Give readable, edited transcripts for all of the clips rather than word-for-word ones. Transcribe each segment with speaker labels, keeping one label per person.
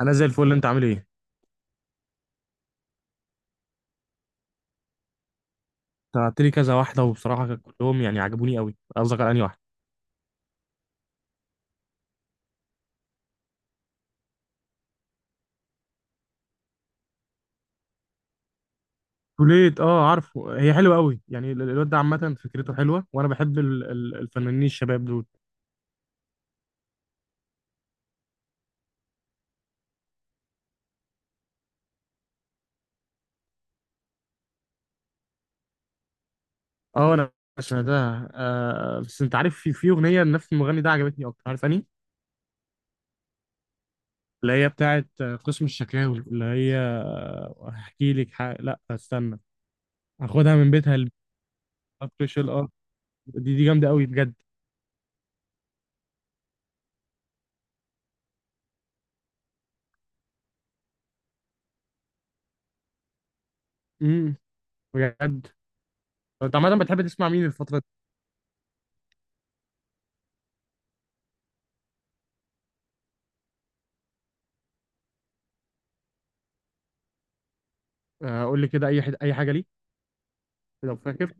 Speaker 1: انا زي الفل. انت عامل ايه انت؟ بعت لي كذا واحده وبصراحه كلهم يعني عجبوني قوي. قصدك على انهي واحده؟ كليت، اه عارفه، هي حلوه قوي. يعني الواد ده عامه فكرته حلوه، وانا بحب الفنانين الشباب دول. اه انا سمعتها، آه. بس انت عارف، في اغنيه لنفس المغني ده عجبتني اكتر، عارف اني اللي هي بتاعه، قسم الشكاوي، اللي هي، هحكي لك لا استنى، هاخدها من بيتها. السبيشال، اه دي جامده قوي بجد. امم بجد. انت عامه بتحب تسمع مين الفتره دي؟ قول لي كده، اي اي حاجه ليه لو فاكر.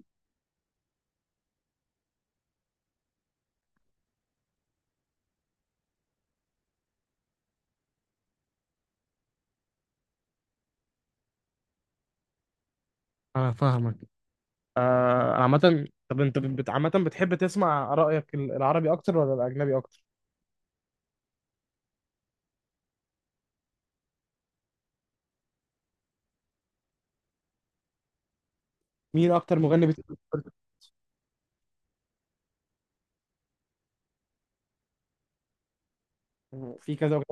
Speaker 1: انا فاهمك. آه، عامة طب انت عامة بتحب تسمع رأيك، العربي اكتر ولا الاجنبي اكتر؟ مين اكتر مغني بتحب تسمع؟ في كذا مغني.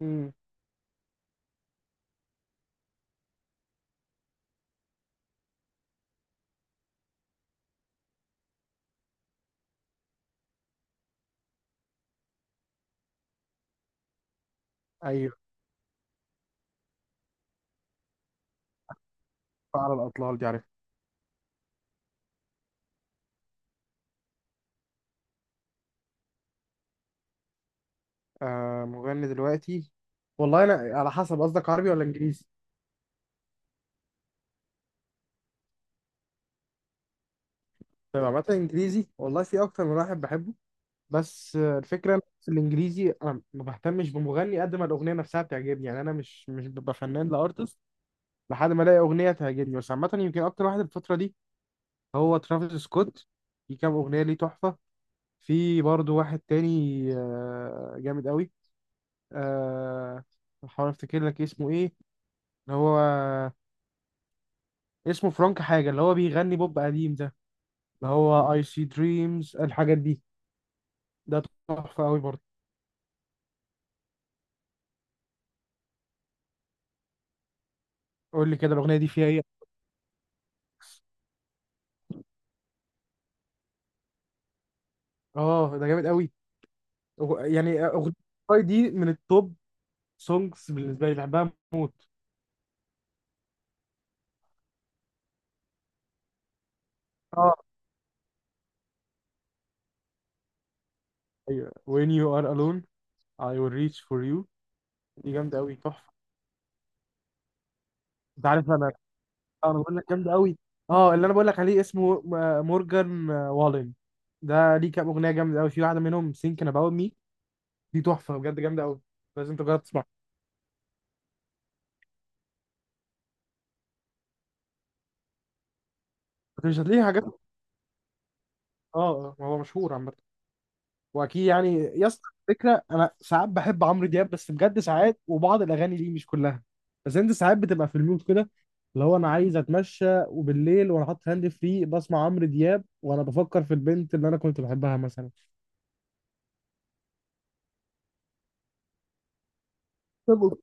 Speaker 1: مم. ايوه، على الاطلال دي، عارف. آه، مغني دلوقتي؟ والله انا على حسب، قصدك عربي ولا انجليزي؟ طيب عامة انجليزي، والله في اكتر من واحد بحبه، بس الفكرة إن في الانجليزي انا ما بهتمش بمغني قد ما الاغنية نفسها بتعجبني. يعني انا مش ببقى فنان لارتست لحد ما الاقي اغنية تعجبني. بس عامة يمكن اكتر واحد الفترة دي هو ترافيس سكوت. في كام اغنيه ليه تحفه. في برضو واحد تاني، جامد قوي، آه، بحاول افتكر لك اسمه ايه، اللي هو اسمه فرانك حاجه، اللي هو بيغني بوب قديم ده، اللي هو اي سي دريمز الحاجات دي، ده تحفه قوي برضو. قول لي كده الاغنيه دي فيها ايه؟ اه ده جامد قوي. يعني اغنيه Why دي من التوب سونجز، بالنسبه لي بحبها موت. اه، ايوه، when you are alone I will reach for you. دي جامده قوي، تحفه. انت عارف انا، اه انا بقول لك جامد قوي. اه اللي انا بقول لك عليه اسمه مورجان والين. ده ليه كام اغنيه جامده قوي، في واحده منهم سينكن اباوت مي، دي تحفه بجد، جامده قوي، لازم تجرب تسمعها. بس مش هتلاقيه حاجات. اه، هو مشهور عامه، واكيد يعني. يا اسطى فكره، انا ساعات بحب عمرو دياب، بس بجد ساعات وبعض الاغاني ليه مش كلها. بس انت ساعات بتبقى في المود كده اللي هو انا عايز اتمشى وبالليل وانا حاطط هاند فري بسمع عمرو دياب وانا بفكر في البنت اللي انا كنت بحبها مثلا. طب،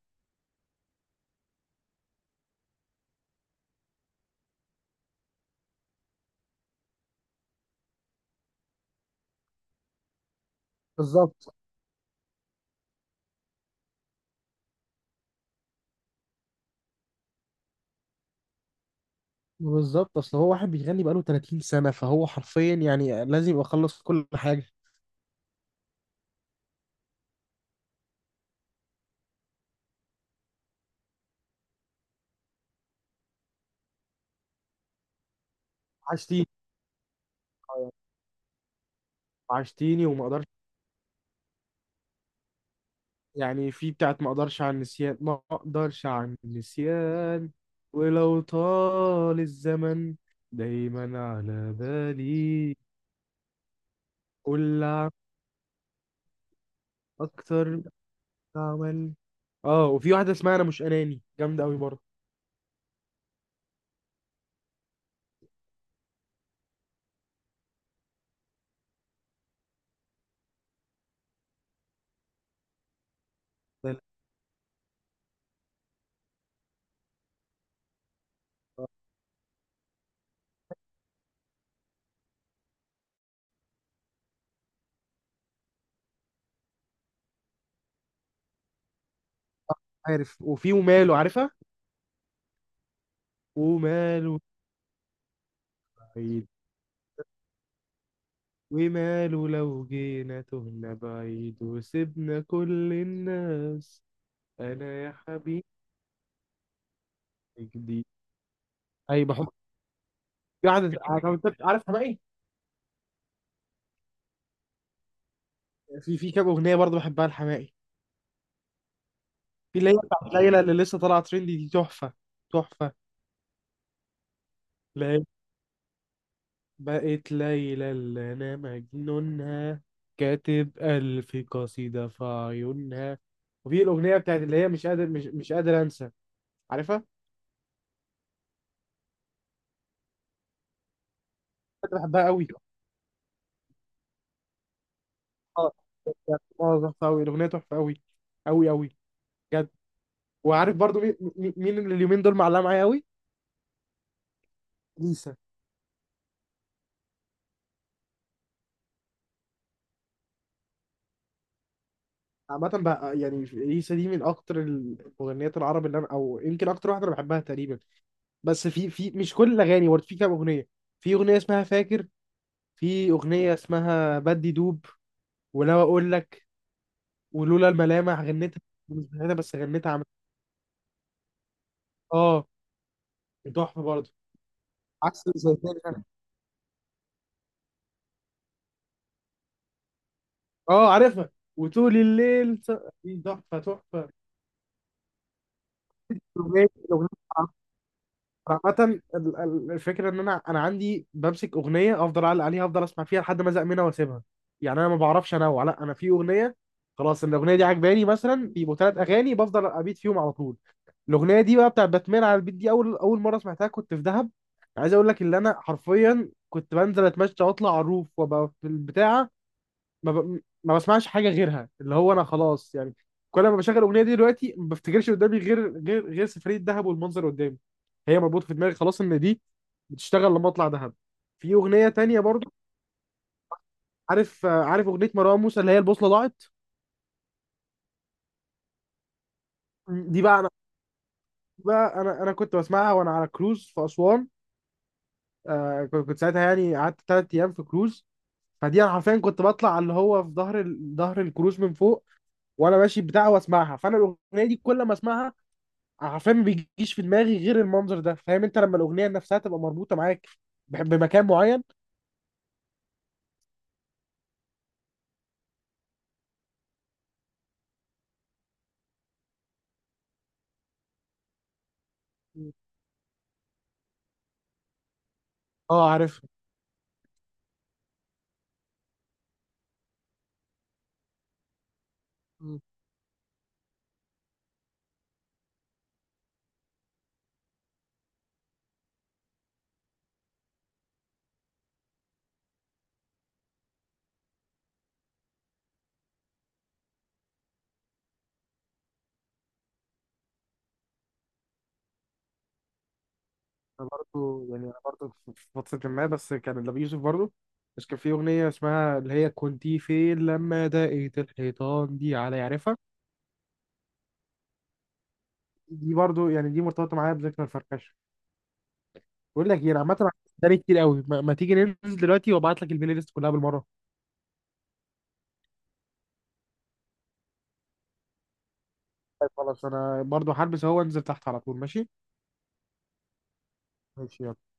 Speaker 1: بالظبط. بالظبط، اصل هو واحد بيغني بقاله 30 سنة، فهو حرفيا يعني لازم يبقى خلص كل حاجة. عشتيني، عشتيني وما اقدرش. يعني في بتاعت ما اقدرش عن النسيان، ما اقدرش عن النسيان ولو طال الزمن، دايما على بالي كل عام. اكتر عمل، اه وفي واحدة اسمها انا مش اناني، جامدة قوي برضه. ده أنا، عارف، وفي وماله، عارفها. وماله، وماله لو جينا تهنا بعيد وسبنا كل الناس، انا يا حبيبي جديد. اي بحب، قاعد. عارف حماقي؟ في كام اغنيه برضه بحبها لحماقي. في اللي هي بتاعت ليلى اللي لسه طالعه ترندي، دي تحفه، تحفه. لا، بقت ليلى اللي انا مجنونها، كاتب الف قصيده في عيونها. وفي الاغنيه بتاعت اللي هي مش قادر، مش قادر انسى، عارفها. كنت بحبها قوي. اه بجد، اه ظبط قوي، الاغنيه تحفه قوي، قوي قوي بجد. وعارف برضو مين مين اللي اليومين دول معلقه معايا قوي؟ ليسا. عامة بقى يعني ليسا دي من أكتر المغنيات العرب اللي أنا، أو يمكن أكتر واحدة أنا بحبها تقريبا. بس في مش كل الأغاني برضه، في كام أغنية. في أغنية اسمها فاكر، في أغنية اسمها بدي دوب، ولو أقول لك ولولا الملامح غنيتها، مش غنيتها بس، غنيتها عم. آه تحفة برضه. عكس زي تاني أنا. آه عارفها، وطول الليل دي تحفة، تحفة. الاغنيه، الأغنية، عامه، الفكره ان انا عندي بمسك اغنيه افضل اعلق عليها، افضل اسمع فيها لحد ما ازهق منها واسيبها. يعني انا ما بعرفش انوع، لا انا في اغنيه خلاص إن الاغنيه دي عجباني مثلا، بيبقوا 3 اغاني بفضل ابيت فيهم على طول. الاغنيه دي بقى بتاعت باتمان على البيت، دي اول مره سمعتها كنت في دهب. عايز اقول لك ان انا حرفيا كنت بنزل اتمشى واطلع على الروف وابقى في البتاعه، ما بسمعش حاجه غيرها، اللي هو انا خلاص يعني. كل ما بشغل الاغنيه دي دلوقتي ما بفتكرش قدامي غير غير سفريه دهب والمنظر قدامي. هي مربوطه في دماغي خلاص ان دي بتشتغل لما اطلع دهب. في اغنيه تانية برضو، عارف، عارف اغنيه مروان موسى اللي هي البوصله ضاعت. دي بقى انا، كنت بسمعها وانا على كروز في اسوان. آه كنت ساعتها يعني قعدت 3 ايام في كروز. فدي انا حرفيا كنت بطلع اللي هو في ظهر الكروز من فوق وانا ماشي بتاع واسمعها. فانا الاغنيه دي كل ما اسمعها، عارفين، ما بيجيش في دماغي غير المنظر ده. فاهم انت لما الاغنيه نفسها تبقى مربوطه معاك بمكان معين. مم. اه عارفها. مم. انا برضو يعني، انا برضو في فترة ما، بس كان لأبي يوسف برضو، بس كان في اغنية اسمها اللي هي كنت فين لما دقيت الحيطان دي، على يعرفها. دي برضو يعني دي مرتبطة معايا بذكرى الفركشة. بقول لك ايه انا عامة عندي كتير قوي، ما تيجي ننزل دلوقتي وابعت لك البلاي ليست كلها بالمرة؟ طيب، خلاص انا برضو هلبس اهو وانزل تحت على طول، ماشي. ماشي، يلا.